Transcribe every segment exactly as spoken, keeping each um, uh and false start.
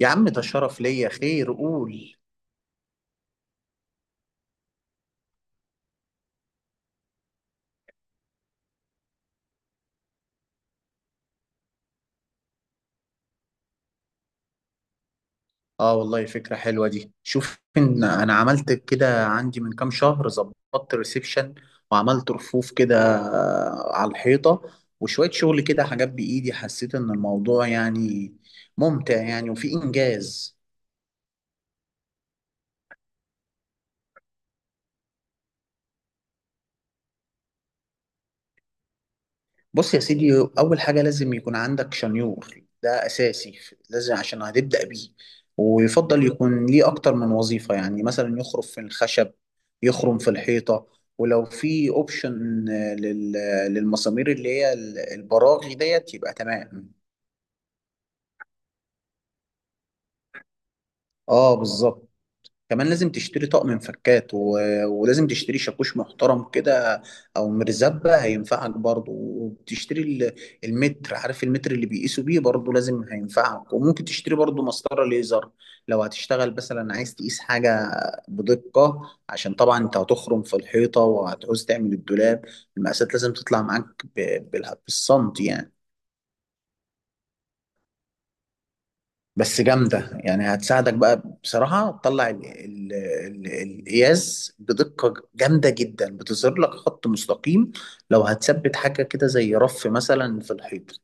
يا عم، ده الشرف ليا. خير، قول. اه، والله فكرة حلوة دي. شوف ان انا عملت كده، عندي من كام شهر ظبطت ريسبشن وعملت رفوف كده على الحيطة وشوية شغل كده حاجات بإيدي، حسيت ان الموضوع يعني ممتع يعني وفي إنجاز. بص يا سيدي، اول حاجه لازم يكون عندك شنيور. ده اساسي، لازم عشان هتبدا بيه. ويفضل يكون ليه اكتر من وظيفه، يعني مثلا يخرم في الخشب، يخرم في الحيطه. ولو في اوبشن للمسامير اللي هي ال- البراغي ديت يبقى تمام. اه بالظبط. كمان لازم تشتري طقم مفكات و... ولازم تشتري شاكوش محترم كده، او مرزبة هينفعك برضو. وبتشتري ال- المتر، عارف المتر اللي بيقيسوا بيه؟ برضو لازم هينفعك. وممكن تشتري برضو مسطرة ليزر لو هتشتغل مثلا عايز تقيس حاجة بدقة. عشان طبعا انت هتخرم في الحيطة وهتعوز تعمل الدولاب، المقاسات لازم تطلع معاك ب... بال- بالسنتي يعني. بس جامدة يعني، هتساعدك بقى بصراحة، تطلع ال- ال- ال- القياس بدقة جامدة جدا. بتظهر لك خط مستقيم لو هتثبت حاجة كده زي رف مثلا في الحيط.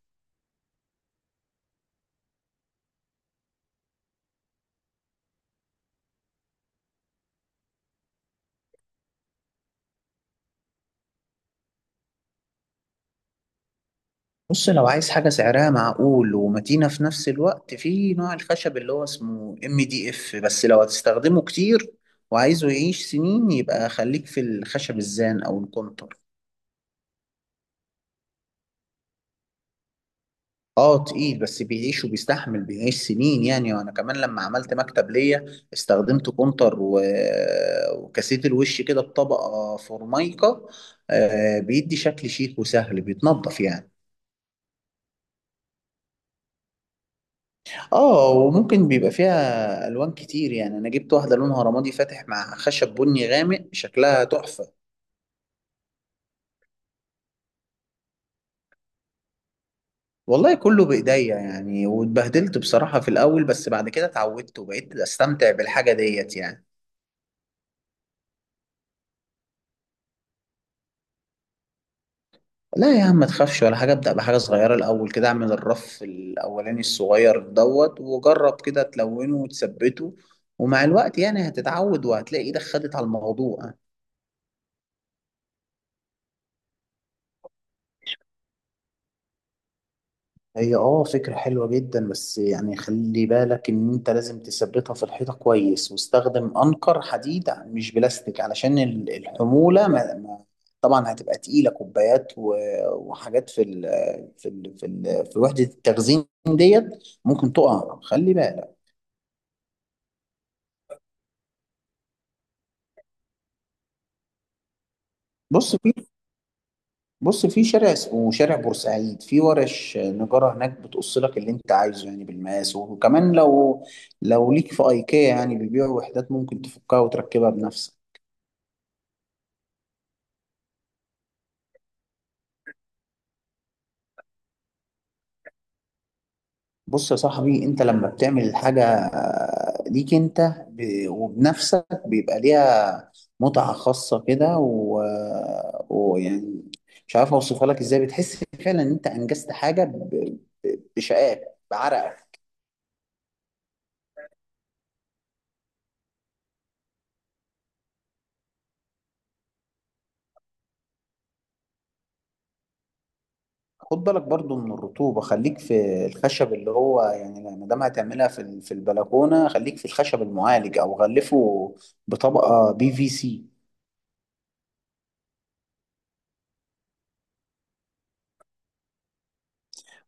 بص، لو عايز حاجة سعرها معقول ومتينة في نفس الوقت، في نوع الخشب اللي هو اسمه ام دي اف. بس لو هتستخدمه كتير وعايزه يعيش سنين، يبقى خليك في الخشب الزان او الكونتر. اه تقيل، بس بيعيش وبيستحمل، بيعيش سنين يعني. وانا كمان لما عملت مكتب ليا، استخدمت كونتر و... وكاسيت الوش كده بطبقة فورمايكا. آه بيدي شكل شيك وسهل بيتنضف يعني. اه وممكن بيبقى فيها الوان كتير يعني. انا جبت واحدة لونها رمادي فاتح مع خشب بني غامق، شكلها تحفة. والله كله بايديا يعني، واتبهدلت بصراحة في الاول، بس بعد كده اتعودت وبقيت استمتع بالحاجة ديت يعني. لا يا عم، ما تخافش ولا حاجة. ابدأ بحاجة صغيرة الأول كده، اعمل الرف الأولاني الصغير دوت وجرب كده تلونه وتثبته. ومع الوقت يعني هتتعود وهتلاقي إيدك خدت على الموضوع. هي اه فكرة حلوة جدا، بس يعني خلي بالك ان انت لازم تثبتها في الحيطة كويس. واستخدم انقر حديد مش بلاستيك، علشان ال- الحمولة ما ما طبعا هتبقى تقيلة، كوبايات و- وحاجات في ال في ال في, ال في وحدة التخزين ديت، ممكن تقع، خلي بالك. بص في بص في شارع اسمه شارع بورسعيد في ورش نجارة هناك، بتقص لك اللي انت عايزه يعني بالمقاس. وكمان لو لو ليك في ايكيا يعني، بيبيعوا وحدات ممكن تفكها وتركبها بنفسك. بص يا صاحبي، انت لما بتعمل الحاجة ليك انت ب- وبنفسك، بيبقى ليها متعة خاصة كده و... ويعني، مش عارف اوصفها لك ازاي. بتحس فعلا ان انت انجزت حاجة ب... ب- بشقاك، بعرقك. خد بالك برضو من الرطوبة، خليك في الخشب اللي هو يعني ما دام هتعملها في ال- في البلكونة، خليك في الخشب المعالج أو غلفه بطبقة بي في سي.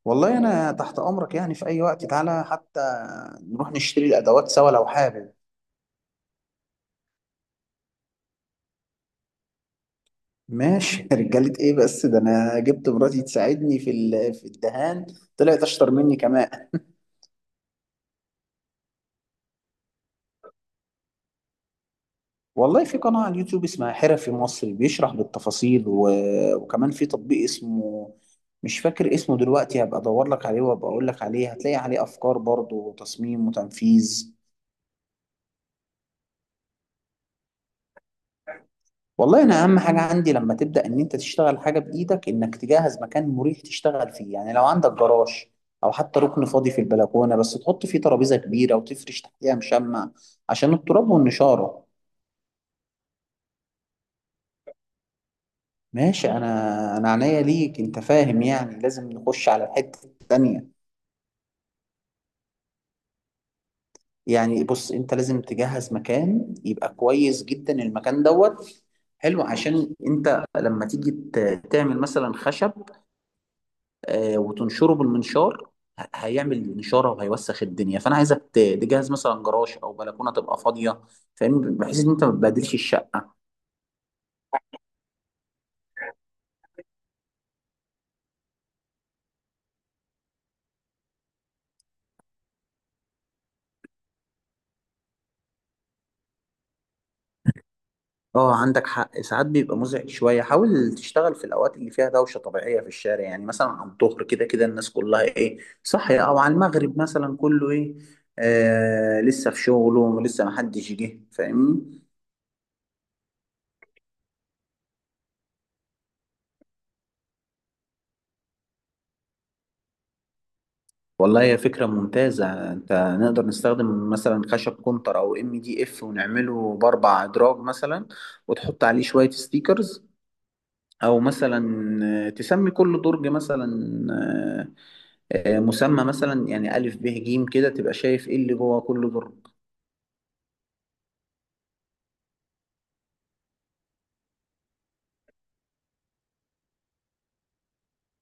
والله أنا تحت أمرك يعني، في أي وقت تعالى، حتى نروح نشتري الأدوات سوا لو حابب. ماشي رجالة إيه بس؟ ده أنا جبت مراتي تساعدني في ال- في الدهان، طلعت أشطر مني كمان. والله في قناة على اليوتيوب اسمها حرفي مصر، بيشرح بالتفاصيل و... وكمان في تطبيق اسمه، مش فاكر اسمه دلوقتي، هبقى ادور لك عليه وابقى اقول لك عليه. هتلاقي عليه افكار برضه وتصميم وتنفيذ. والله انا اهم حاجة عندي لما تبدأ ان انت تشتغل حاجة بايدك، انك تجهز مكان مريح تشتغل فيه. يعني لو عندك جراج او حتى ركن فاضي في البلكونة، بس تحط فيه ترابيزة كبيرة وتفرش تحتيها مشمع عشان التراب والنشارة. ماشي، انا انا عينيا ليك انت، فاهم يعني؟ لازم نخش على الحتة التانية. يعني بص، انت لازم تجهز مكان يبقى كويس جدا. المكان دوت حلو، عشان انت لما تيجي ت- تعمل مثلا خشب آه، وتنشره بالمنشار، ه- هيعمل نشاره وهيوسخ الدنيا. فانا عايزك ت- تجهز مثلا جراج او بلكونه تبقى فاضيه، فاهم؟ بحيث ان انت ما تبهدلش الشقه. اه عندك حق، ساعات بيبقى مزعج شوية. حاول تشتغل في الأوقات اللي فيها دوشة طبيعية في الشارع، يعني مثلا على الظهر كده، كده الناس كلها ايه، صاحية. أو على المغرب مثلا، كله ايه آه لسه في شغله، ولسه محدش جه فاهمني. والله هي فكرة ممتازة. انت نقدر نستخدم مثلا خشب كونتر أو ام دي اف ونعمله بأربع أدراج مثلا، وتحط عليه شوية ستيكرز. أو مثلا آه، تسمي كل درج مثلا آه، آه، مسمى مثلا، يعني ألف ب ج كده، تبقى شايف إيه اللي جوه كل درج.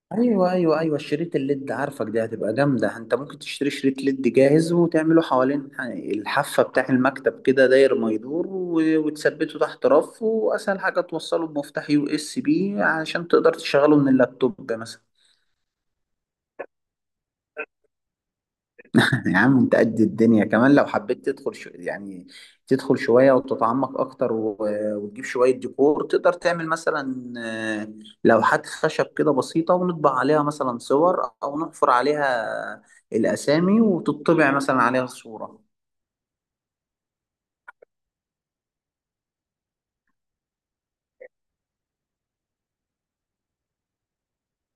أيوه أيوه أيوه، الشريط الليد، عارفك دي هتبقى جامدة. أنت ممكن تشتري شريط ليد جاهز وتعمله حوالين ح- الحافة بتاع المكتب كده، داير ما يدور، و- وتثبته تحت رف. وأسهل حاجة توصله بمفتاح يو إس بي علشان تقدر تشغله من اللابتوب مثلا. يا عم، انت قد الدنيا كمان لو حبيت تدخل، شو يعني، تدخل شوية وتتعمق اكتر و... وتجيب شوية ديكور. تقدر تعمل مثلا آه، لوحات خشب كده بسيطة، ونطبع عليها مثلا صور او نحفر عليها الاسامي، وتطبع مثلا عليها صورة.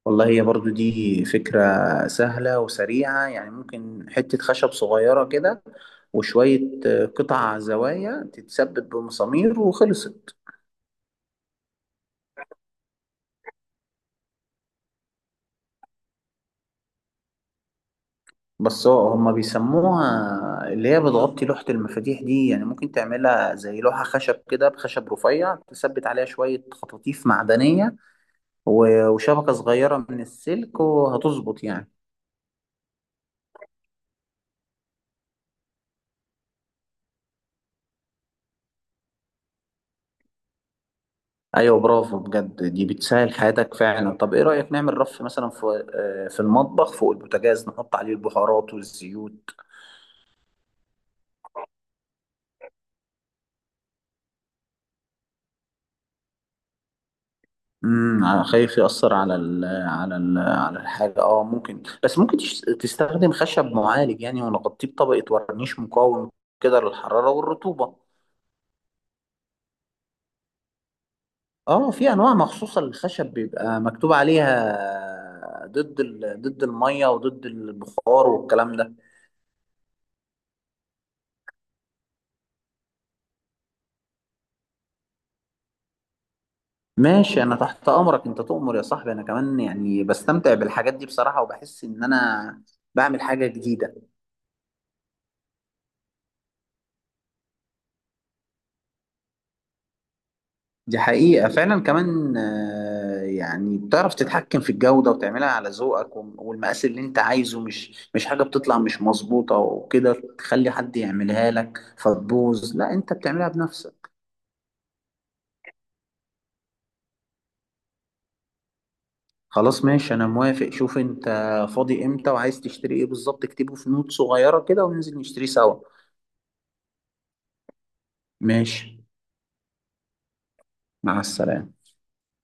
والله هي برضو دي فكرة سهلة وسريعة يعني. ممكن حتة خشب صغيرة كده وشوية آه، قطع زوايا تتثبت بمسامير وخلصت. بس هو هما بيسموها اللي هي بتغطي لوحة المفاتيح دي، يعني ممكن تعملها زي لوحة خشب كده بخشب رفيع، تثبت عليها شوية خطاطيف معدنية و- وشبكة صغيرة من السلك وهتظبط يعني. أيوة، برافو بجد، دي بتسهل حياتك فعلا. طب إيه رأيك نعمل رف مثلا في آه، في المطبخ فوق البوتاجاز، نحط عليه البهارات والزيوت. امم ع- خايف يأثر على ال على ال على الحاجة. اه ممكن، بس ممكن تش- تستخدم خشب معالج يعني، ونغطيه بطبقة ورنيش مقاوم كده للحرارة والرطوبة. اه، في انواع مخصوصة للخشب بيبقى مكتوب عليها ضد ال ضد المية وضد البخار والكلام ده. ماشي انا تحت امرك، انت تؤمر يا صاحبي. انا كمان يعني بستمتع بالحاجات دي بصراحة، وبحس ان انا بعمل حاجة جديدة. دي حقيقة فعلا. كمان آه، يعني بتعرف تتحكم في الجودة وتعملها على ذوقك وم- والمقاس اللي انت عايزه. مش مش حاجة بتطلع مش مظبوطة وكده تخلي حد يعملها لك فتبوظ، لا انت بتعملها بنفسك. خلاص ماشي، انا موافق. شوف انت فاضي امتى وعايز تشتري ايه بالظبط، اكتبه في نوت صغيرة كده وننزل نشتري سوا. ماشي، مع السلامة.